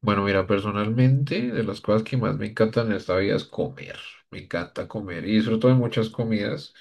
Bueno, mira, personalmente, de las cosas que más me encantan en esta vida es comer. Me encanta comer y disfruto de muchas comidas,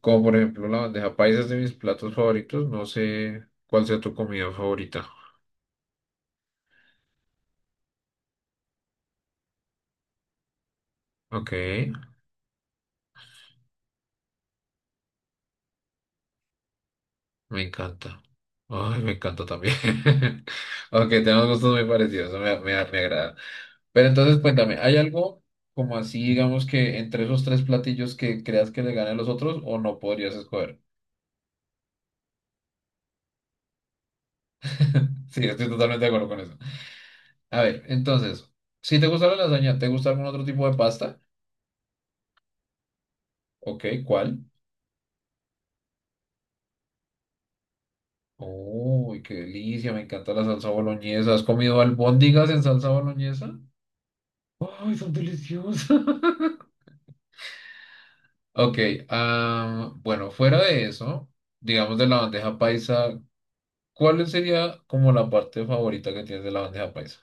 como por ejemplo la bandeja paisa es de mis platos favoritos. No sé cuál sea tu comida favorita. Ok, me encanta. Ay, me encanta también. Ok, tenemos gustos muy parecidos, eso me agrada. Pero entonces cuéntame, ¿hay algo como así, digamos que entre esos tres platillos que creas que le ganen los otros o no podrías escoger? Sí, estoy totalmente de acuerdo con eso. A ver, entonces, si te gusta la lasaña, ¿te gusta algún otro tipo de pasta? Ok, ¿cuál? Uy, qué delicia, me encanta la salsa boloñesa. ¿Has comido albóndigas en salsa boloñesa? Ay, son deliciosas. Ok, ah, bueno, fuera de eso, digamos de la bandeja paisa, ¿cuál sería como la parte favorita que tienes de la bandeja paisa?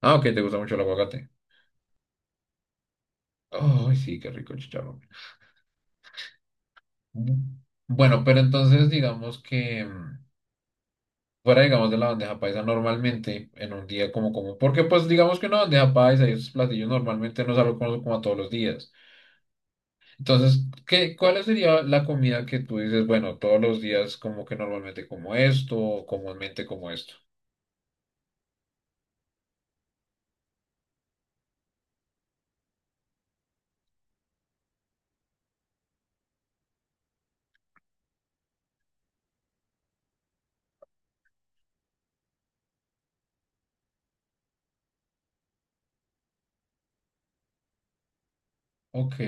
Ah, ok, ¿te gusta mucho el aguacate? Ay, sí, qué rico el chicharrón. Bu- Bueno, pero entonces digamos que, fuera, digamos, de la bandeja paisa normalmente en un día como común. Porque, pues, digamos que una bandeja paisa y esos platillos normalmente no salgo algo como a todos los días. Entonces, ¿cuál sería la comida que tú dices, bueno, todos los días como que normalmente como esto o comúnmente como esto? Ok.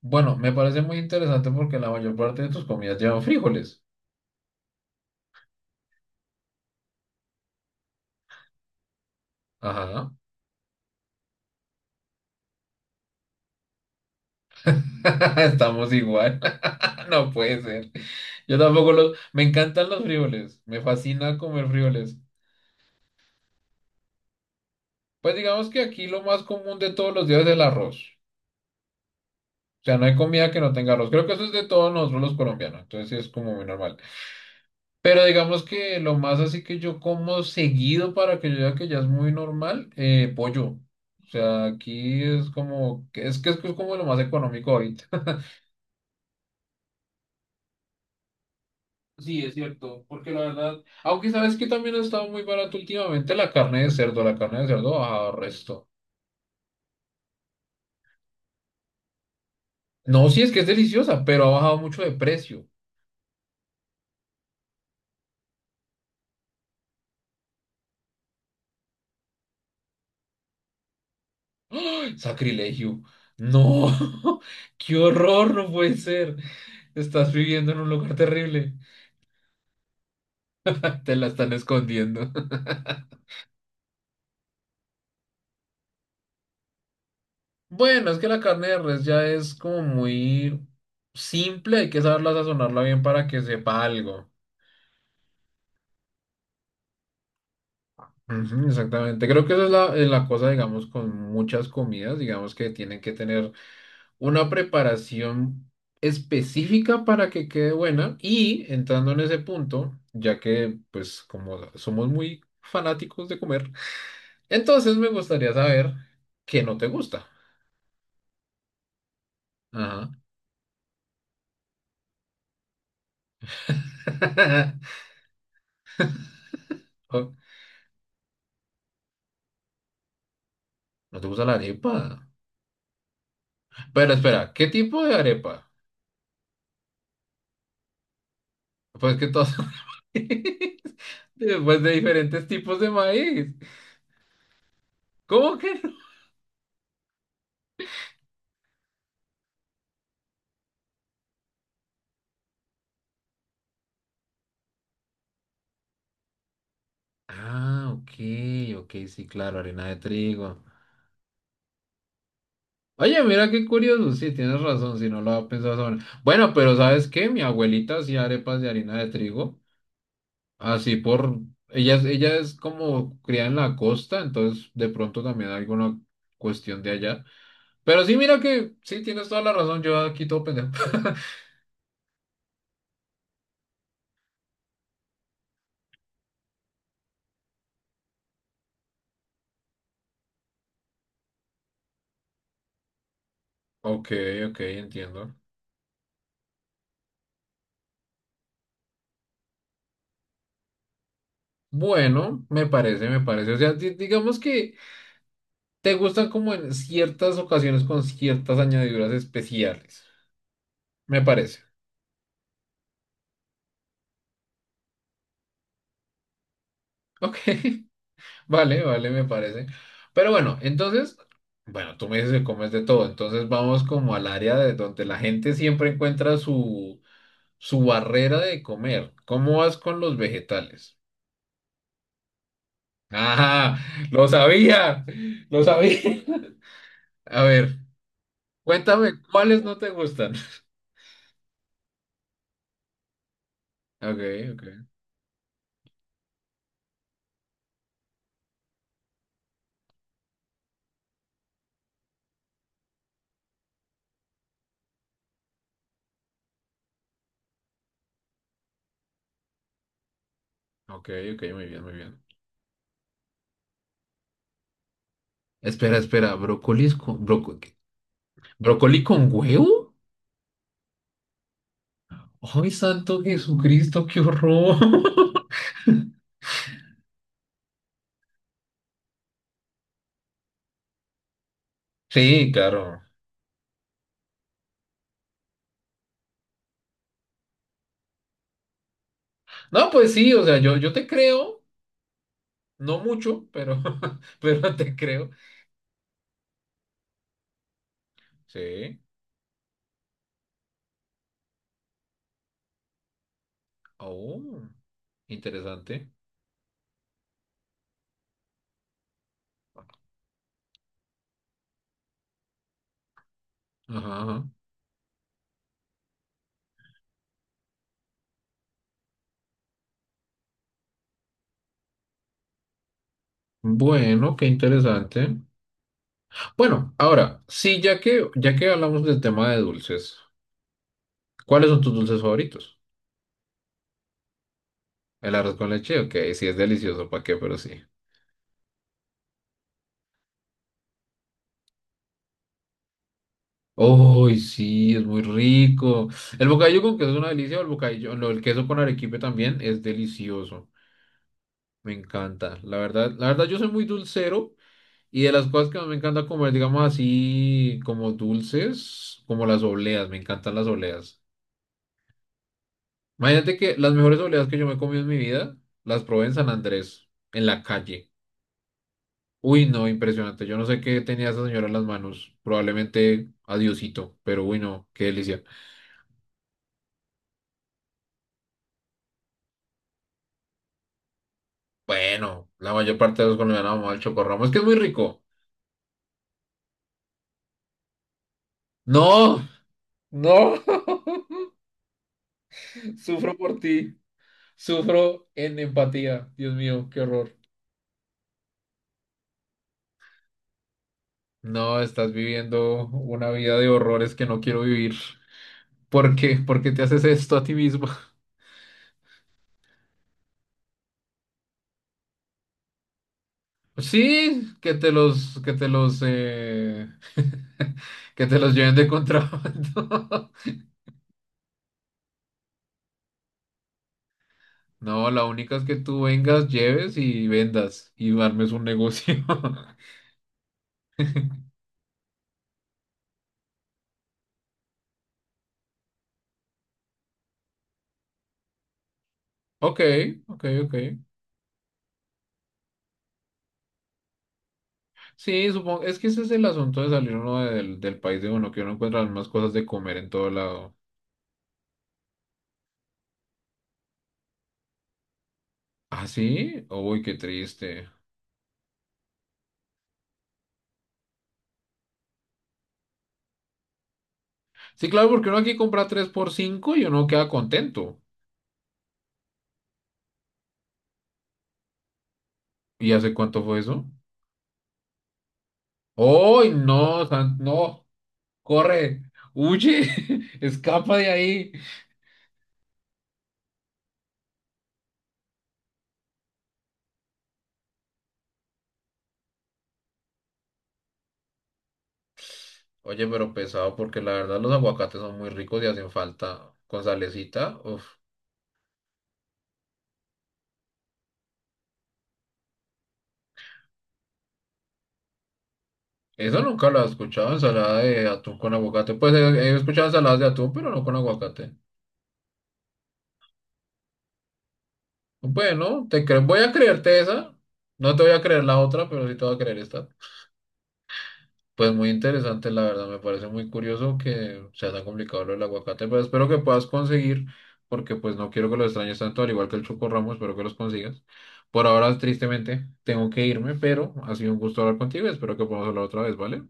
Bueno, me parece muy interesante porque la mayor parte de tus comidas llevan frijoles. Ajá. Estamos igual. No puede ser. Yo tampoco los... Me encantan los frijoles. Me fascina comer frijoles. Pues digamos que aquí lo más común de todos los días es el arroz. O sea, no hay comida que no tenga arroz. Creo que eso es de todos nosotros los colombianos. Entonces sí es como muy normal. Pero digamos que lo más así que yo como seguido para que yo diga que ya es muy normal, pollo. O sea, aquí es como, es que es como lo más económico ahorita. Sí, es cierto, porque la verdad, aunque sabes que también ha estado muy barato últimamente la carne de cerdo, la carne de cerdo ha bajado resto. No, sí es que es deliciosa, pero ha bajado mucho de precio. Sacrilegio. No, qué horror, no puede ser. Estás viviendo en un lugar terrible. Te la están escondiendo. Bueno, es que la carne de res ya es como muy simple. Hay que saberla sazonarla bien para que sepa algo. Ujú, exactamente. Creo que esa es la cosa, digamos, con muchas comidas, digamos, que tienen que tener una preparación específica para que quede buena y entrando en ese punto, ya que pues como somos muy fanáticos de comer, entonces me gustaría saber qué no te gusta. Ajá. Oh. ¿No te gusta la arepa? Pero espera, ¿qué tipo de arepa? Pues que todas son maíz. Después de diferentes tipos de maíz. ¿Cómo que no? Ah, ok, ok, sí, claro, harina de trigo. Oye, mira qué curioso, sí, tienes razón, si no lo había pensado sobre. Bueno, pero ¿sabes qué? Mi abuelita hacía arepas de harina de trigo, así por... Ella, ella es como criada en la costa, entonces de pronto también hay alguna cuestión de allá. Pero sí, mira que sí, tienes toda la razón, yo aquí todo pendejo. Ok, ok, entiendo. Bueno, me parece, me parece. O sea, digamos que te gustan como en ciertas ocasiones con ciertas añadiduras especiales. Me parece. Ok. Vale, vale, me parece. Pero bueno, entonces, bueno, tú me dices que comes de todo, entonces vamos como al área de donde la gente siempre encuentra su, barrera de comer. ¿Cómo vas con los vegetales? ¡Ah! ¡Lo sabía! ¡Lo sabía! A ver, cuéntame, ¿cuáles no te gustan? Ok, ok, ok, ok, muy bien, muy bien. Espera, espera, ¿brócolis con, qué? ¿Brócoli con huevo? ¡Ay, santo Jesucristo, qué horror! Sí, claro. No, pues sí, o sea, yo te creo, no mucho, pero, pero te creo. Sí. Oh, interesante. Ajá, ajá. Bueno, qué interesante. Bueno, ahora, sí, ya que hablamos del tema de dulces, ¿cuáles son tus dulces favoritos? El arroz con leche, ok, sí, es delicioso, ¿para qué? Pero sí. Uy, sí, es muy rico. El bocadillo con queso es una delicia, o el bocadillo, no, el queso con arequipe también es delicioso. Me encanta. La verdad, yo soy muy dulcero. Y de las cosas que más me encanta comer, digamos así, como dulces, como las obleas, me encantan las obleas. Imagínate que las mejores obleas que yo me he comido en mi vida, las probé en San Andrés, en la calle. Uy, no, impresionante. Yo no sé qué tenía esa señora en las manos. Probablemente adiosito, pero uy, no, qué delicia. Bueno, la mayor parte de los colombianos amamos al chocorramo. Es que es muy rico. No, no, sufro por ti. Sufro en empatía. Dios mío, qué horror. No, estás viviendo una vida de horrores que no quiero vivir. ¿Por qué? ¿Por qué te haces esto a ti mismo? Sí, que te los lleven de contrabando. No, la única es que tú vengas, lleves y vendas y armes un negocio. Ok, ok, ok. Sí, supongo, es que ese es el asunto de salir uno del país de uno, que uno encuentra las mismas cosas de comer en todo lado. Ah, sí, uy, qué triste. Sí, claro, porque uno aquí compra 3 por 5 y uno queda contento. ¿Y hace cuánto fue eso? ¡Ay, no! ¡No! ¡Corre! ¡Huye! ¡Escapa de ahí! Oye, pero pesado, porque la verdad los aguacates son muy ricos y hacen falta con salecita. Uf. Eso nunca lo he escuchado, ensalada de atún con aguacate. Pues he escuchado ensaladas de atún, pero no con aguacate. Bueno, voy a creerte esa. No te voy a creer la otra, pero sí te voy a creer esta. Pues muy interesante, la verdad, me parece muy curioso que sea tan complicado lo del aguacate, pero espero que puedas conseguir, porque pues no quiero que lo extrañes tanto, al igual que el Choco Ramos, espero que los consigas. Por ahora, tristemente, tengo que irme, pero ha sido un gusto hablar contigo y espero que podamos hablar otra vez, ¿vale?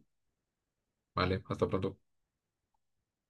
Vale, hasta pronto.